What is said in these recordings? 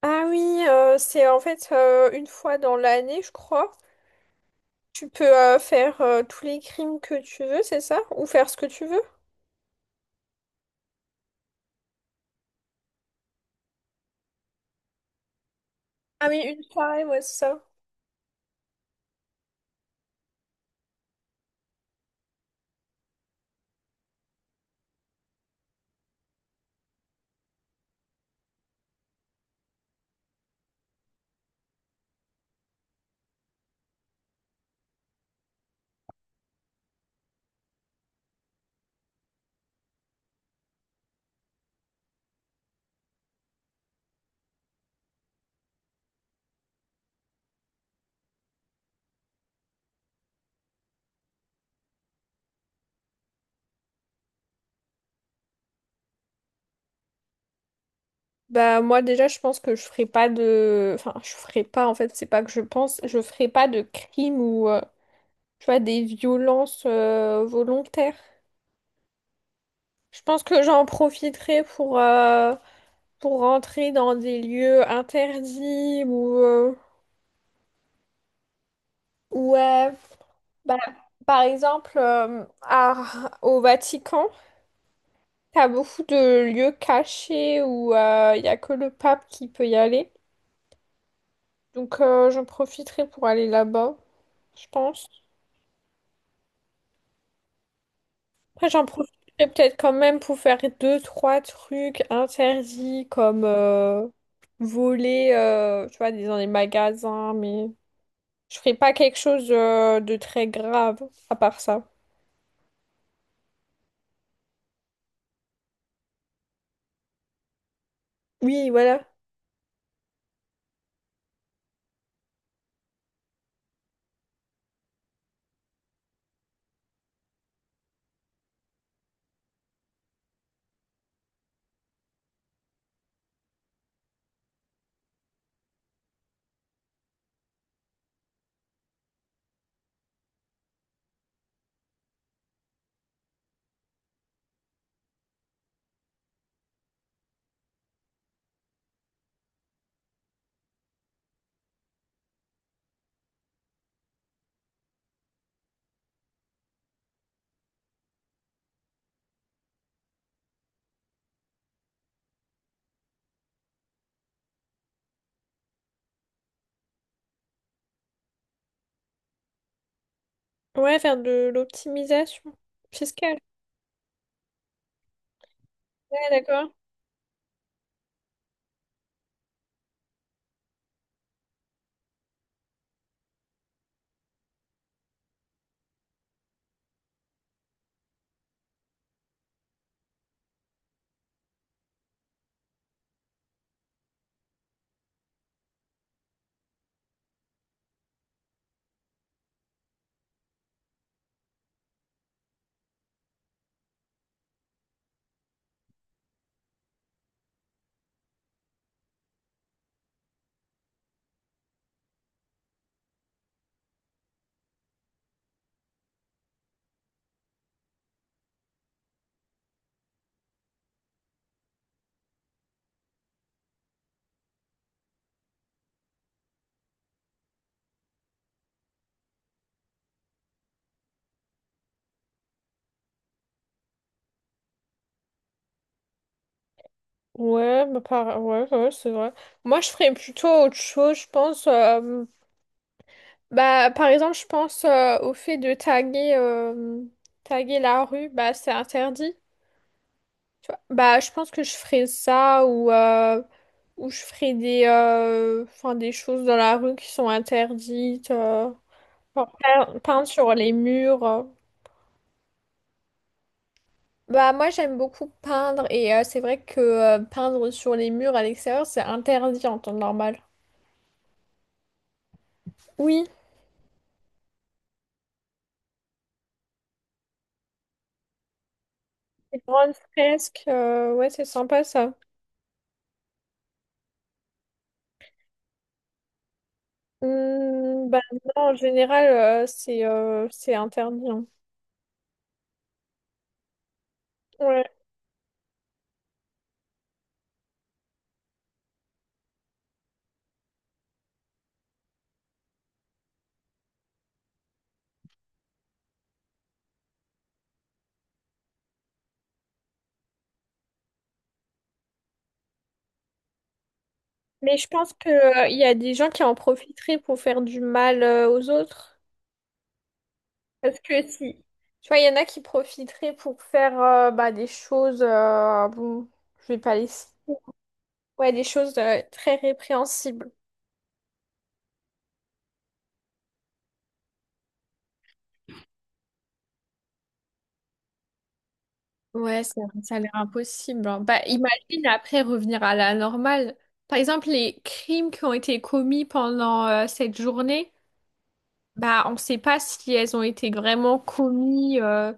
Ah oui, c'est en fait une fois dans l'année, je crois. Tu peux faire tous les crimes que tu veux, c'est ça? Ou faire ce que tu veux? Ah oui, une soirée, ouais, c'est ça. Bah moi déjà, je pense que je ferai pas de... Enfin, je ferai pas, en fait, c'est pas que je pense, je ferai pas de crimes ou, tu vois, des violences volontaires. Je pense que j'en profiterai pour rentrer dans des lieux interdits ou... Ouais. Bah, par exemple, au Vatican, t'as beaucoup de lieux cachés où il n'y a que le pape qui peut y aller. Donc, j'en profiterai pour aller là-bas, je pense. Après, j'en profiterai peut-être quand même pour faire deux, trois trucs interdits comme voler, tu vois, dans les magasins, mais je ferai pas quelque chose de très grave à part ça. Oui, voilà. Ouais, faire de l'optimisation fiscale. Ouais, d'accord. Ouais, bah, par... ouais, ouais, c'est vrai. Moi, je ferais plutôt autre chose, je pense. Bah, par exemple, je pense au fait de taguer, taguer la rue, bah, c'est interdit. Tu vois. Bah, je pense que je ferais ça ou je ferais des, des choses dans la rue qui sont interdites. Genre peindre sur les murs. Bah, moi, j'aime beaucoup peindre et c'est vrai que peindre sur les murs à l'extérieur, c'est interdit en temps normal. Oui. Une grande fresque, ouais, c'est sympa ça. Hmm, bah non, en général, c'est interdit, hein. Ouais. Mais je pense que il y a des gens qui en profiteraient pour faire du mal aux autres. Parce que si, tu vois, il y en a qui profiteraient pour faire bah, des choses, bon, je vais pas les citer. Ouais, des choses très répréhensibles. Ouais, ça a l'air impossible, hein. Bah, imagine après revenir à la normale. Par exemple, les crimes qui ont été commis pendant cette journée, bah, on ne sait pas si elles ont été vraiment commis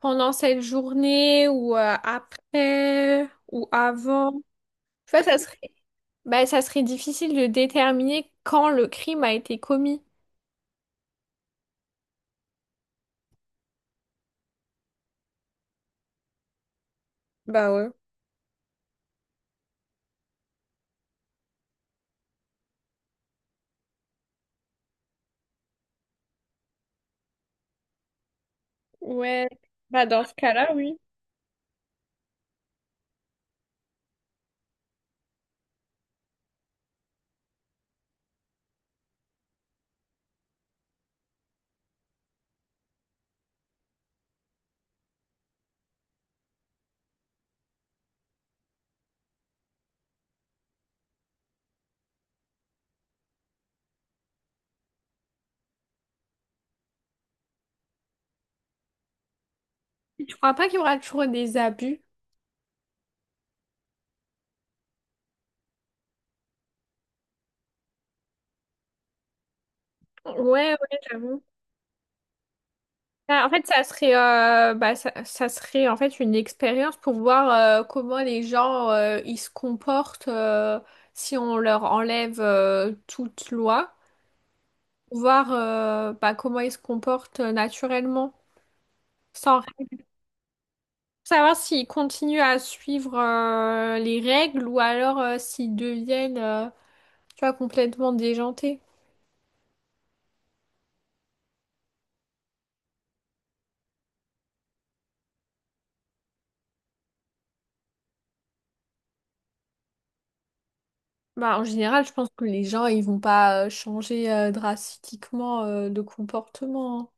pendant cette journée ou après ou avant. Tu vois, bah, ça serait difficile de déterminer quand le crime a été commis. Bah ouais. Ouais, bah dans ce cas-là, oui. Je crois pas qu'il y aura toujours des abus. Ouais, ouais, j'avoue. Ah, en fait, bah, ça serait en fait une expérience pour voir comment les gens ils se comportent, si on leur enlève toute loi, voir bah, comment ils se comportent naturellement, sans savoir s'ils continuent à suivre les règles ou alors s'ils deviennent, tu vois, complètement déjantés. Bah, en général, je pense que les gens ils vont pas changer drastiquement de comportement, hein.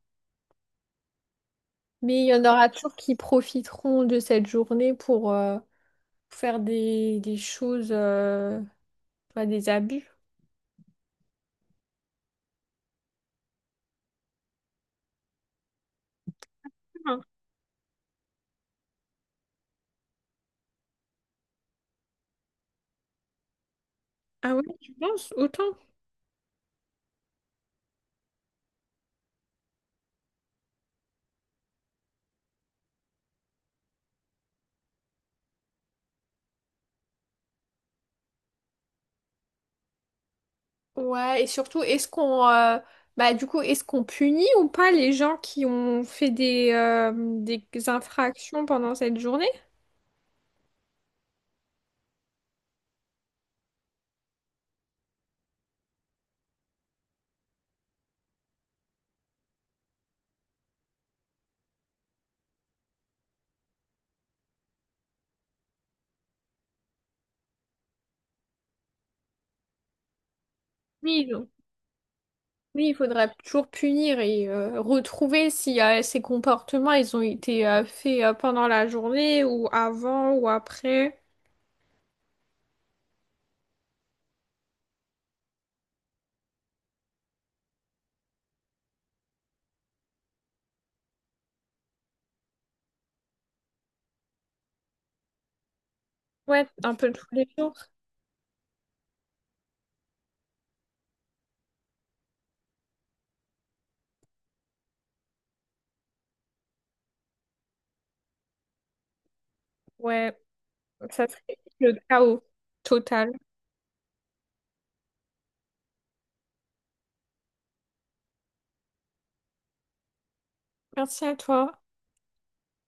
Mais il y en aura toujours qui profiteront de cette journée pour faire des choses, des abus. Hein. Ah ouais, tu penses autant? Ouais, et surtout, est-ce qu'on, bah du coup, est-ce qu'on punit ou pas les gens qui ont fait des infractions pendant cette journée? Oui, donc. Oui, il faudrait toujours punir et retrouver si ces comportements ils ont été faits pendant la journée ou avant ou après. Ouais, un peu tous les jours. Ouais. Donc, ça serait le chaos total. Merci à toi.